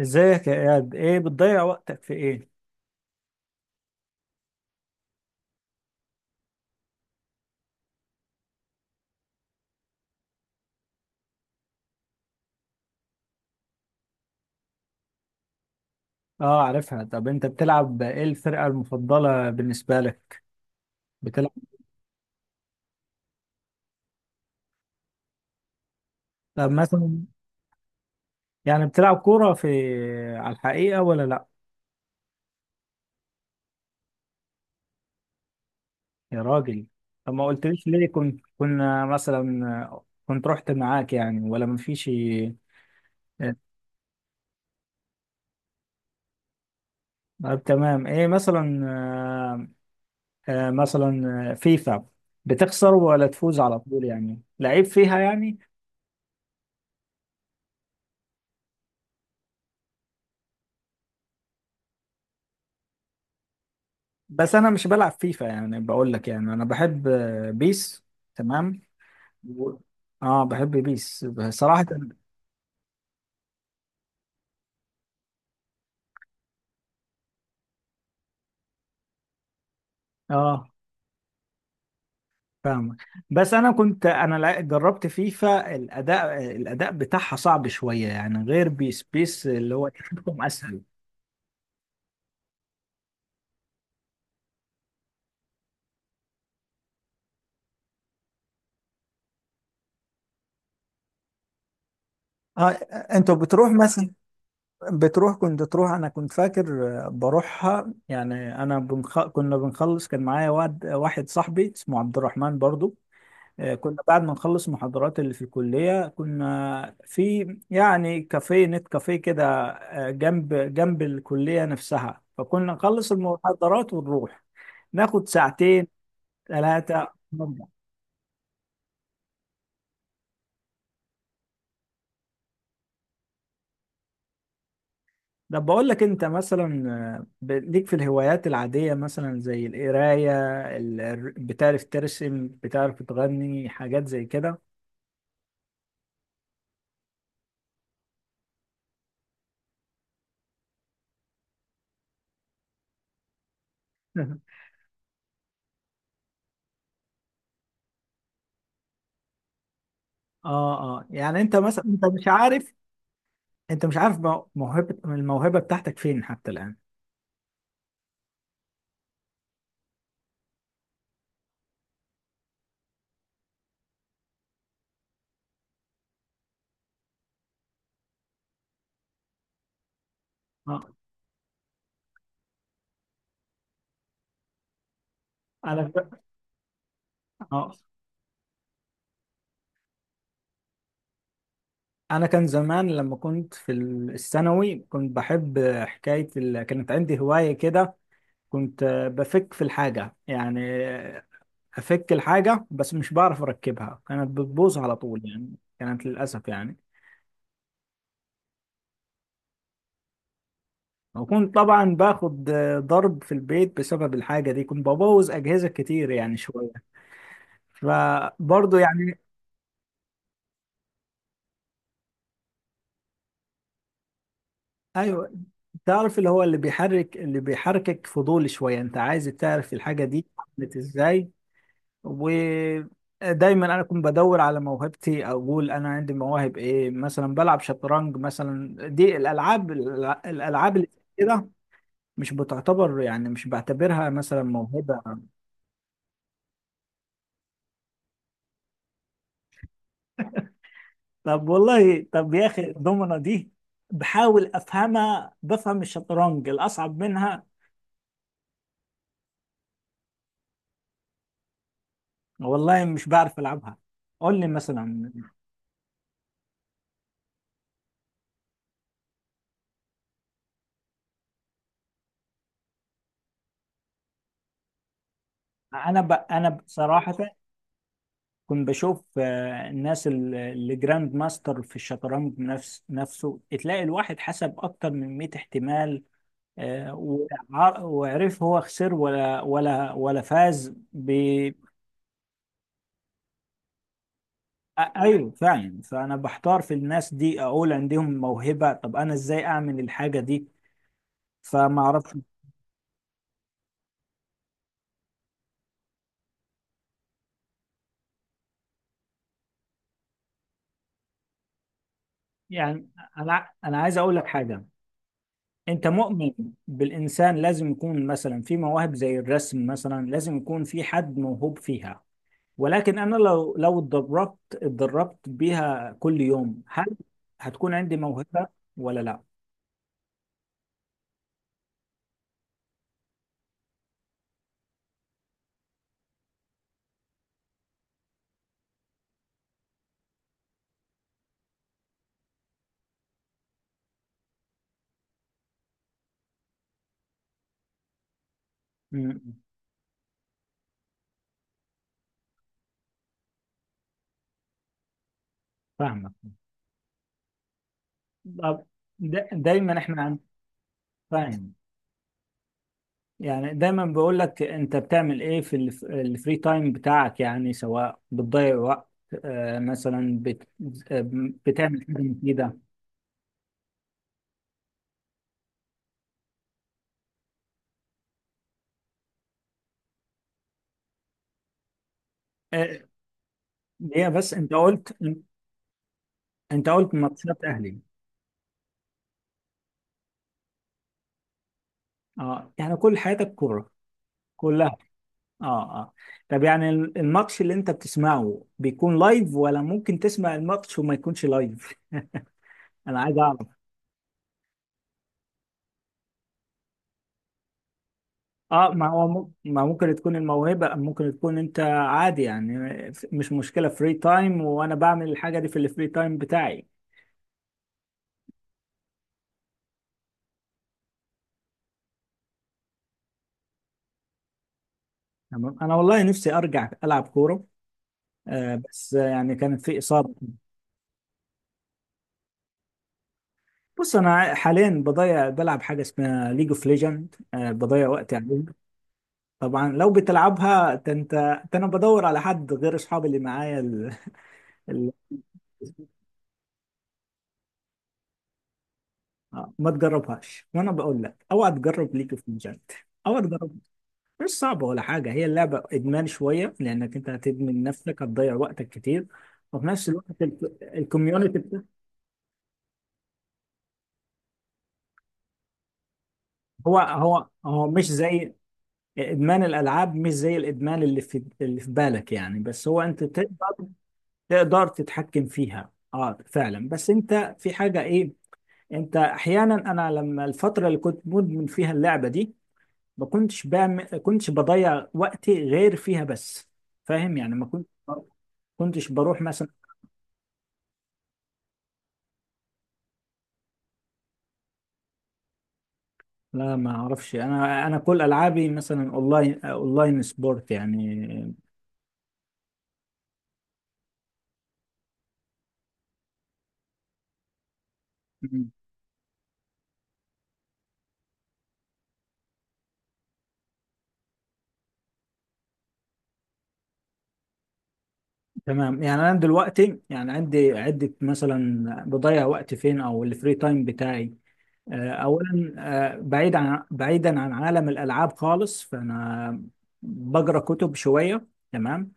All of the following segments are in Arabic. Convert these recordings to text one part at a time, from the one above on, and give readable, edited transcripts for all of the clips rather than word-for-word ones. ازيك يا اياد؟ ايه بتضيع وقتك في ايه؟ اه، عارفها. طب انت بتلعب ايه؟ الفرقة المفضلة بالنسبة لك؟ بتلعب؟ طب مثلا، يعني بتلعب كورة في، على الحقيقة ولا لا؟ يا راجل. طب ما قلتليش ليه؟ كنت كنا مثلا كنت رحت معاك يعني ولا مفيش؟ طب تمام. ايه مثلا، مثلا فيفا، بتخسر ولا تفوز على طول؟ يعني لعيب فيها يعني. بس انا مش بلعب فيفا، يعني بقول لك، يعني انا بحب بيس. تمام. و... اه، بحب بيس صراحة. اه، فاهمك. بس انا كنت جربت فيفا، الاداء بتاعها صعب شوية يعني، غير بيس بيس اللي هو تحكم اسهل. اه. انتوا بتروح مثلا، بتروح كنت تروح؟ انا كنت فاكر بروحها يعني. كنا بنخلص، كان معايا واد واحد صاحبي اسمه عبد الرحمن برضو. كنا بعد ما نخلص محاضرات اللي في الكلية، كنا في يعني كافيه نت، كافيه كده جنب جنب الكلية نفسها. فكنا نخلص المحاضرات ونروح ناخد ساعتين ثلاثة نرجع. ده بقول لك انت مثلا ليك في الهوايات العادية مثلا زي القراية، بتعرف ترسم؟ بتعرف تغني؟ حاجات زي كده؟ اه، اه، يعني انت مثلا انت مش عارف، انت مش عارف الموهبة بتاعتك فين حتى الآن؟ انا ك- اه، انا كان زمان لما كنت في الثانوي كنت بحب حكايه كانت عندي هوايه كده. كنت بفك في الحاجه يعني، افك الحاجه بس مش بعرف اركبها، كانت بتبوظ على طول يعني، كانت للاسف يعني. وكنت طبعا باخد ضرب في البيت بسبب الحاجه دي، كنت ببوظ اجهزه كتير يعني شويه، فبرضه يعني. ايوه. تعرف اللي هو اللي بيحركك فضول شويه، انت عايز تعرف الحاجه دي عملت ازاي. ودايما انا كنت بدور على موهبتي، اقول انا عندي مواهب ايه. مثلا بلعب شطرنج، مثلا دي الالعاب، اللي كده مش بتعتبر يعني، مش بعتبرها مثلا موهبة. طب والله، طب يا اخي الضمنة دي بحاول افهمها، بفهم الشطرنج الاصعب منها. والله مش بعرف العبها. قول لي مثلا. انا بصراحة كنت بشوف الناس اللي جراند ماستر في الشطرنج، نفسه تلاقي الواحد حسب اكتر من 100 احتمال، وعرف هو خسر ولا فاز ب ايوه فعلا. فانا بحتار في الناس دي، اقول عندهم موهبة، طب انا ازاي اعمل الحاجة دي؟ فما اعرفش يعني. انا عايز اقول لك حاجة، انت مؤمن بالانسان لازم يكون مثلا في مواهب زي الرسم؟ مثلا لازم يكون في حد موهوب فيها، ولكن انا لو اتدربت بيها كل يوم، هل هتكون عندي موهبة ولا لا؟ امم. فاهمك. طب دايما احنا فاهم؟ يعني دايما بقول لك انت بتعمل ايه في الفري تايم بتاعك، يعني سواء بتضيع وقت آه، مثلا بت آه، بتعمل حاجة مفيدة. آه، هي بس انت قلت، انت قلت ماتشات اهلي. اه، يعني كل حياتك كورة كلها؟ اه، اه. طب يعني الماتش اللي انت بتسمعه بيكون لايف ولا ممكن تسمع الماتش وما يكونش لايف؟ انا عايز اعرف. اه. ما هو مم- ما ممكن تكون الموهبة ممكن تكون انت عادي يعني، مش مشكلة فري تايم، وانا بعمل الحاجة دي في الفري تايم بتاعي. تمام. انا والله نفسي ارجع العب كورة، آه بس يعني كانت في اصابة. بص، انا حاليا بضيع بلعب حاجة اسمها ليج اوف ليجند، آه بضيع وقتي عليها. طبعا لو بتلعبها ده انت، ده انا بدور على حد غير اصحابي اللي معايا ال- ما تجربهاش، وانا بقول لك اوعى تجرب، ليك في مجلد، اوعى تجرب. مش صعبه ولا حاجه، هي اللعبه ادمان شويه، لانك انت هتدمن نفسك، هتضيع وقتك كتير. وفي نفس الوقت الكوميونتي، هو مش زي ادمان الالعاب، مش زي الادمان اللي اللي في بالك يعني، بس هو انت تقدر، تقدر تتحكم فيها. اه فعلا. بس انت في حاجه ايه، انت احيانا، انا لما الفتره اللي كنت مدمن فيها اللعبه دي ما كنتش بعمل، كنتش بضيع وقتي غير فيها بس، فاهم يعني؟ ما كنت كنتش بروح مثلا. لا ما اعرفش، انا كل العابي مثلا اونلاين، اونلاين سبورت يعني. مم. تمام. يعني انا دلوقتي يعني عندي عدة مثلا بضيع وقت فين، او الفري تايم بتاعي اولا بعيدا عن عالم الالعاب خالص، فانا بقرا كتب شويه. تمام.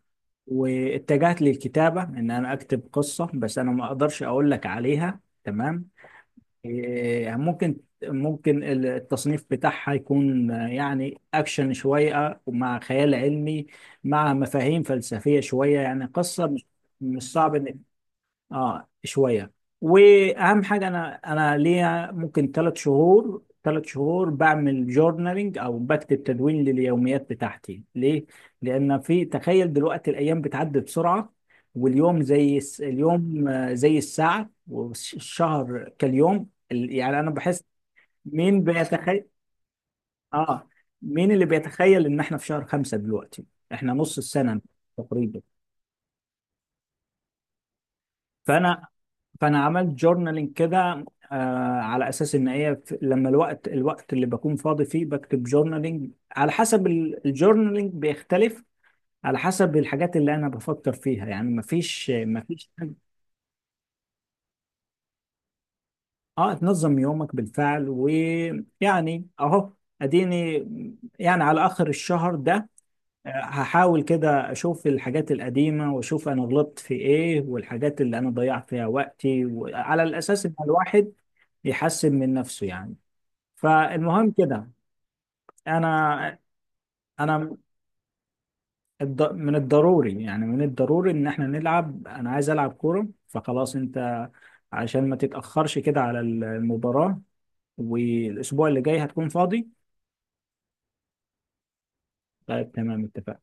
واتجهت للكتابه ان انا اكتب قصه، بس انا ما اقدرش اقول لك عليها. تمام. إيه، ممكن، ممكن التصنيف بتاعها يكون يعني اكشن شويه، مع خيال علمي، مع مفاهيم فلسفيه شويه، يعني قصه مش، مش صعب انك، اه شويه. واهم حاجه انا، انا ليا ممكن ثلاث شهور بعمل جورنالينج، او بكتب تدوين لليوميات بتاعتي. ليه؟ لان في تخيل دلوقتي، الايام بتعدي بسرعه، واليوم زي اليوم زي الساعه، والشهر يعني انا بحس. مين بيتخيل، اه، مين اللي بيتخيل ان احنا في شهر خمسة دلوقتي؟ احنا نص السنه تقريبا. فانا فانا عملت جورنالينج كده، آه، على اساس ان هي لما الوقت، اللي بكون فاضي فيه بكتب جورنالينج. على حسب الجورنالينج بيختلف على حسب الحاجات اللي انا بفكر فيها يعني، مفيش حاجة. اه، تنظم يومك بالفعل، ويعني اهو اديني، يعني على اخر الشهر ده هحاول كده اشوف الحاجات القديمة، واشوف انا غلطت في ايه، والحاجات اللي انا ضيعت فيها وقتي، وعلى الاساس ان الواحد يحسن من نفسه يعني. فالمهم كده، انا انا من الضروري، يعني من الضروري ان احنا نلعب، انا عايز العب كورة. فخلاص انت عشان ما تتأخرش كده على المباراة، والاسبوع اللي جاي هتكون فاضي. طيب تمام، اتفقنا.